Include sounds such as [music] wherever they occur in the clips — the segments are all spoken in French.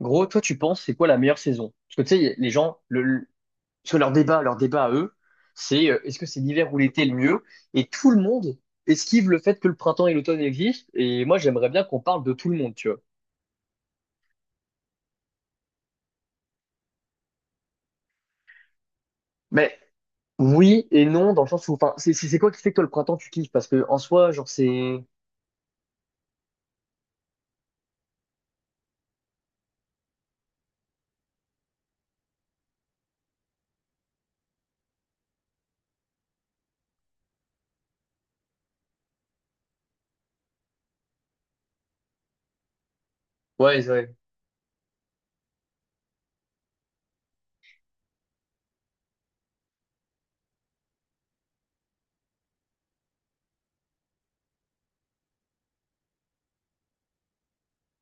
Gros, toi, tu penses c'est quoi la meilleure saison? Parce que tu sais, les gens, sur leur débat à eux, c'est est-ce que c'est l'hiver ou l'été le mieux? Et tout le monde esquive le fait que le printemps et l'automne existent. Et moi, j'aimerais bien qu'on parle de tout le monde, tu vois. Mais oui et non, dans le sens où, enfin, c'est quoi qui fait que toi, le printemps, tu kiffes? Parce que en soi, genre, c'est. Ouais, ouais.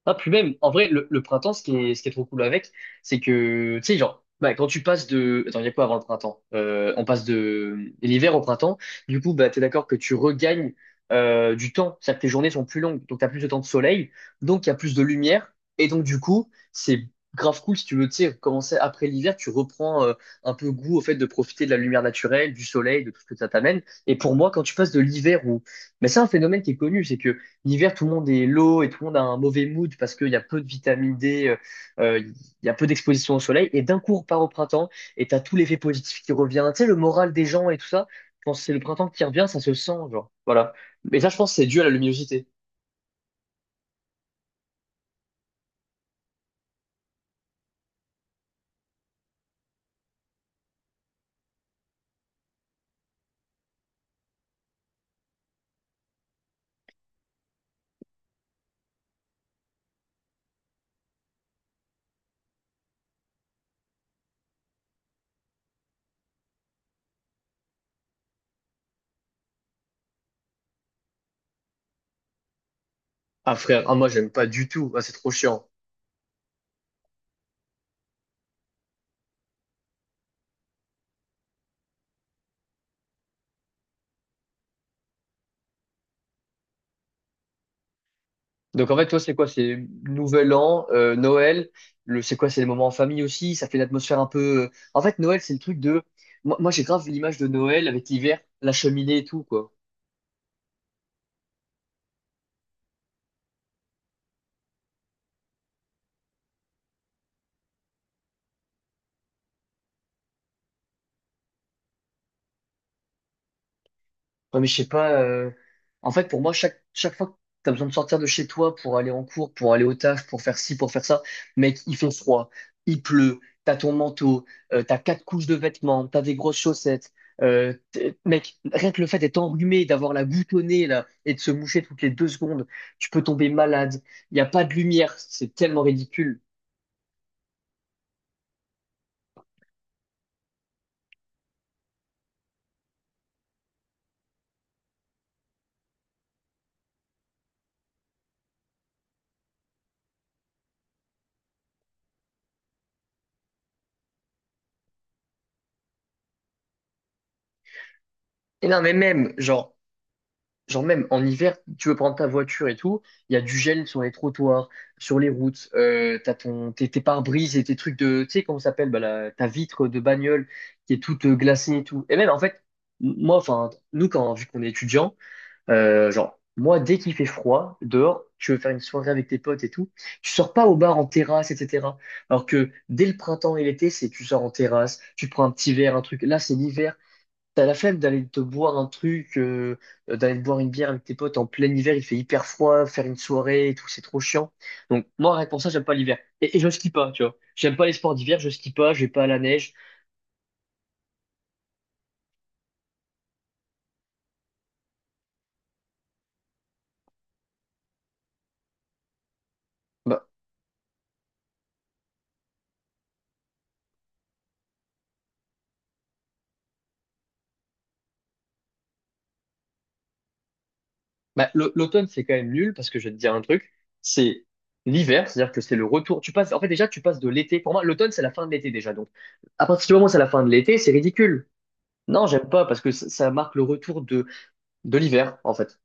Ah, puis même, en vrai, le printemps, ce qui est trop cool avec, c'est que, tu sais, genre, bah, quand tu passes de... Attends, il y a quoi avant le printemps? On passe de l'hiver au printemps. Du coup, bah, t'es d'accord que tu regagnes du temps. C'est-à-dire que tes journées sont plus longues, donc t'as plus de temps de soleil, donc il y a plus de lumière. Et donc, du coup, c'est grave cool si tu veux, tu sais, commencer après l'hiver, tu reprends un peu goût au fait de profiter de la lumière naturelle, du soleil, de tout ce que ça t'amène. Et pour moi, quand tu passes de l'hiver où... Mais c'est un phénomène qui est connu, c'est que l'hiver, tout le monde est low et tout le monde a un mauvais mood parce qu'il y a peu de vitamine D, il y a peu d'exposition au soleil. Et d'un coup, on part au printemps et t'as tout l'effet positif qui revient. Tu sais, le moral des gens et tout ça, quand c'est le printemps qui revient, ça se sent, genre. Voilà. Mais ça, je pense, c'est dû à la luminosité. Ah, frère, ah, moi, j'aime pas du tout. Ah, c'est trop chiant. Donc, en fait, toi, c'est quoi? C'est Nouvel An, Noël. Le, c'est quoi? C'est les moments en famille aussi. Ça fait une atmosphère un peu. En fait, Noël, c'est le truc de. Moi, j'ai grave l'image de Noël avec l'hiver, la cheminée et tout, quoi. Ouais, mais je sais pas. En fait, pour moi, chaque fois que tu as besoin de sortir de chez toi pour aller en cours, pour aller au taf, pour faire ci, pour faire ça, mec, il fait froid, il pleut, t'as ton manteau, t'as quatre couches de vêtements, t'as des grosses chaussettes. Mec, rien que le fait d'être enrhumé, d'avoir la goutte au nez là, et de se moucher toutes les deux secondes, tu peux tomber malade. Il n'y a pas de lumière, c'est tellement ridicule. Et non, mais même, genre. Genre même en hiver, tu veux prendre ta voiture et tout, il y a du gel sur les trottoirs, sur les routes, t'as tes pare-brise et tes trucs de, tu sais comment ça s'appelle, bah, ta vitre de bagnole qui est toute glacée et tout. Et même en fait, nous quand, vu qu'on est étudiant, genre, moi dès qu'il fait froid dehors, tu veux faire une soirée avec tes potes et tout, tu sors pas au bar en terrasse, etc. Alors que dès le printemps et l'été, c'est tu sors en terrasse, tu prends un petit verre, un truc. Là, c'est l'hiver. T'as la flemme d'aller te boire un truc, d'aller te boire une bière avec tes potes en plein hiver, il fait hyper froid, faire une soirée et tout, c'est trop chiant. Donc moi, rien que pour ça, j'aime pas l'hiver. Et je skie pas, tu vois. J'aime pas les sports d'hiver, je skie pas, je vais pas à la neige. Bah, L'automne, c'est quand même nul, parce que je vais te dire un truc, c'est l'hiver, c'est-à-dire que c'est le retour. Tu passes, en fait, déjà, tu passes de l'été. Pour moi, l'automne, c'est la fin de l'été déjà. Donc, à partir du moment où c'est la fin de l'été, c'est ridicule. Non, j'aime pas, parce que ça marque le retour de l'hiver, en fait.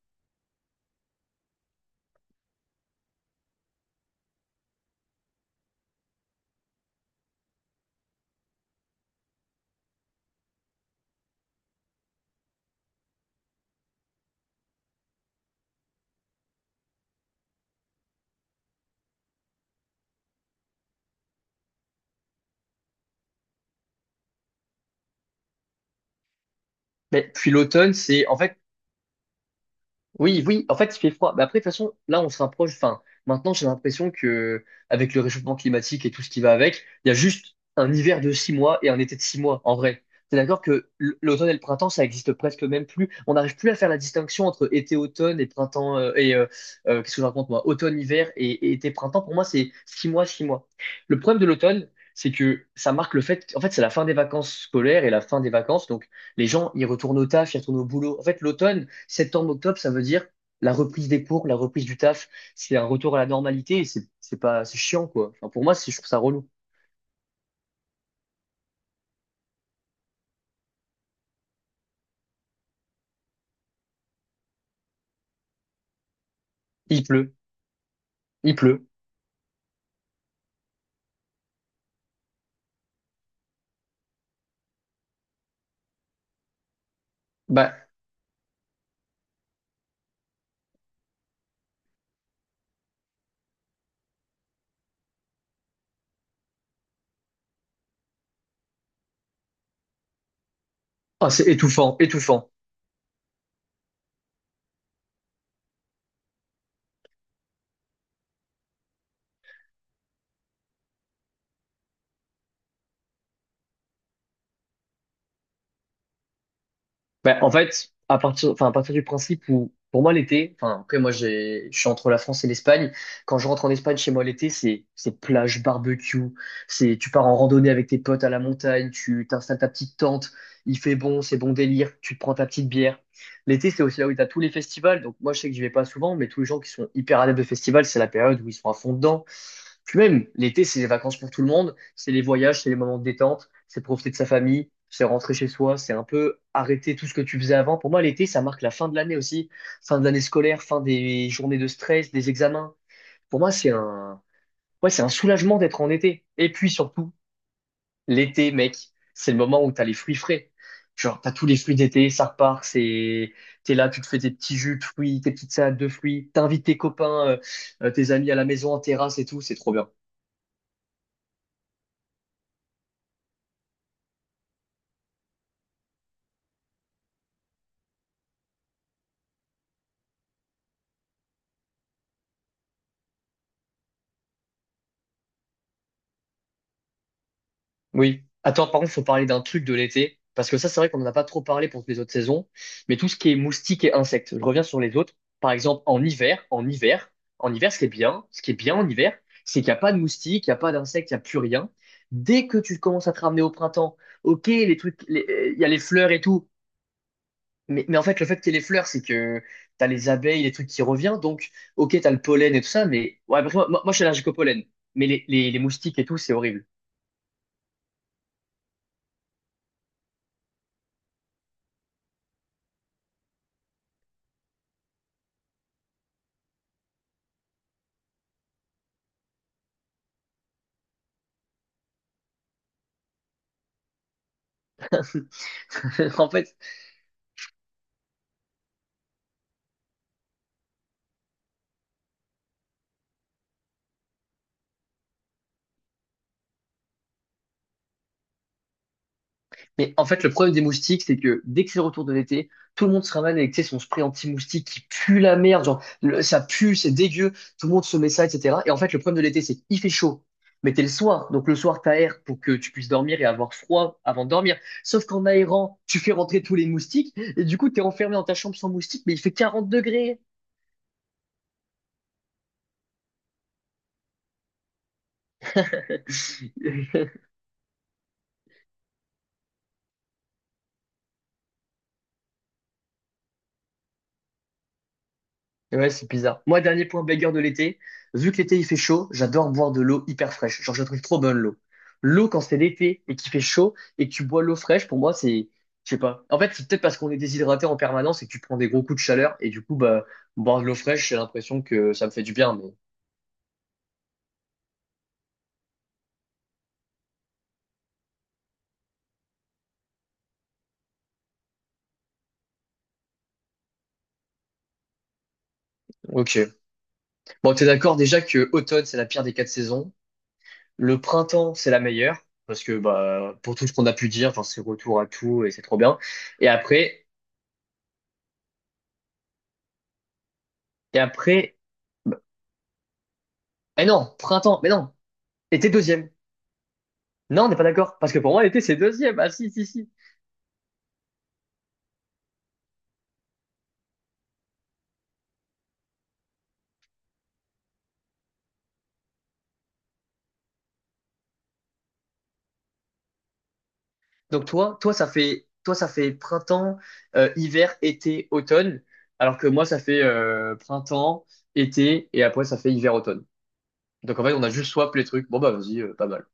Mais puis l'automne, c'est en fait oui, oui, en fait, il fait froid. Mais après, de toute façon, là, on se rapproche. Enfin, maintenant, j'ai l'impression que, avec le réchauffement climatique et tout ce qui va avec, il y a juste un hiver de six mois et un été de six mois, en vrai. T'es d'accord que l'automne et le printemps, ça existe presque même plus. On n'arrive plus à faire la distinction entre été-automne et printemps, qu'est-ce que je raconte, moi? Automne-hiver et été-printemps. Pour moi, c'est six mois, six mois. Le problème de l'automne, c'est que ça marque le fait, en fait, c'est la fin des vacances scolaires et la fin des vacances. Donc, les gens, ils retournent au taf, ils retournent au boulot. En fait, l'automne, septembre-octobre, ça veut dire la reprise des cours, la reprise du taf. C'est un retour à la normalité et c'est pas, c'est chiant, quoi. Enfin, pour moi, je trouve ça relou. Il pleut, il pleut. Bah, ah, c'est étouffant, étouffant. Ben, en fait, à partir, enfin, à partir du principe où, pour moi, l'été, enfin, après, je suis entre la France et l'Espagne. Quand je rentre en Espagne, chez moi, l'été, c'est plage, barbecue, c'est, tu pars en randonnée avec tes potes à la montagne, tu t'installes ta petite tente, il fait bon, c'est bon délire, tu te prends ta petite bière. L'été, c'est aussi là où tu as tous les festivals. Donc, moi, je sais que j'y vais pas souvent, mais tous les gens qui sont hyper adeptes de festivals, c'est la période où ils sont à fond dedans. Puis même, l'été, c'est les vacances pour tout le monde. C'est les voyages, c'est les moments de détente, c'est profiter de sa famille, c'est rentrer chez soi, c'est un peu arrêter tout ce que tu faisais avant. Pour moi, l'été, ça marque la fin de l'année aussi, fin de l'année scolaire, fin des journées de stress, des examens. Pour moi, ouais, c'est un soulagement d'être en été. Et puis surtout, l'été, mec, c'est le moment où t'as les fruits frais. Genre, t'as tous les fruits d'été, ça repart, c'est, t'es là, tu te fais tes petits jus de fruits, tes petites salades de fruits, t'invites tes copains, tes amis à la maison en terrasse et tout, c'est trop bien. Oui. Attends, par contre, faut parler d'un truc de l'été, parce que ça, c'est vrai qu'on n'en a pas trop parlé pour toutes les autres saisons, mais tout ce qui est moustiques et insectes, je reviens sur les autres. Par exemple, en hiver, ce qui est bien en hiver, c'est qu'il n'y a pas de moustiques, il n'y a pas d'insectes, il n'y a plus rien. Dès que tu commences à te ramener au printemps, ok, il y a les fleurs et tout, mais en fait, le fait qu'il y ait les fleurs, c'est que t'as les abeilles, les trucs qui reviennent, donc, ok, t'as le pollen et tout ça, mais ouais, parce que je suis allergique au pollen, mais les moustiques et tout, c'est horrible. [laughs] En fait, mais en fait, le problème des moustiques, c'est que dès que c'est le retour de l'été, tout le monde se ramène avec, tu sais, son spray anti-moustique qui pue la merde, genre, ça pue, c'est dégueu, tout le monde se met ça, etc. Et en fait, le problème de l'été, c'est qu'il fait chaud, mais t'es le soir, donc le soir, t'aères pour que tu puisses dormir et avoir froid avant de dormir. Sauf qu'en aérant, tu fais rentrer tous les moustiques, et du coup, t'es enfermé dans ta chambre sans moustiques, mais il fait 40 degrés. [laughs] Ouais, c'est bizarre. Moi, dernier point bagarre de l'été. Vu que l'été il fait chaud, j'adore boire de l'eau hyper fraîche. Genre, je la trouve trop bonne l'eau. L'eau quand c'est l'été et qu'il fait chaud et que tu bois l'eau fraîche, pour moi, je sais pas. En fait, c'est peut-être parce qu'on est déshydraté en permanence et que tu prends des gros coups de chaleur et du coup, bah, boire de l'eau fraîche, j'ai l'impression que ça me fait du bien. Mais ok. Bon, t'es d'accord déjà que automne c'est la pire des quatre saisons. Le printemps c'est la meilleure parce que bah pour tout ce qu'on a pu dire, genre c'est retour à tout et c'est trop bien. Et après, et après. bah, Eh non, printemps, mais non, était deuxième. Non, on n'est pas d'accord. Parce que pour moi, été, c'est deuxième. Ah si, si, si. Donc toi, ça fait printemps, hiver, été, automne. Alors que moi, ça fait printemps, été, et après, ça fait hiver, automne. Donc en fait, on a juste swap les trucs. Bon, bah vas-y, pas mal.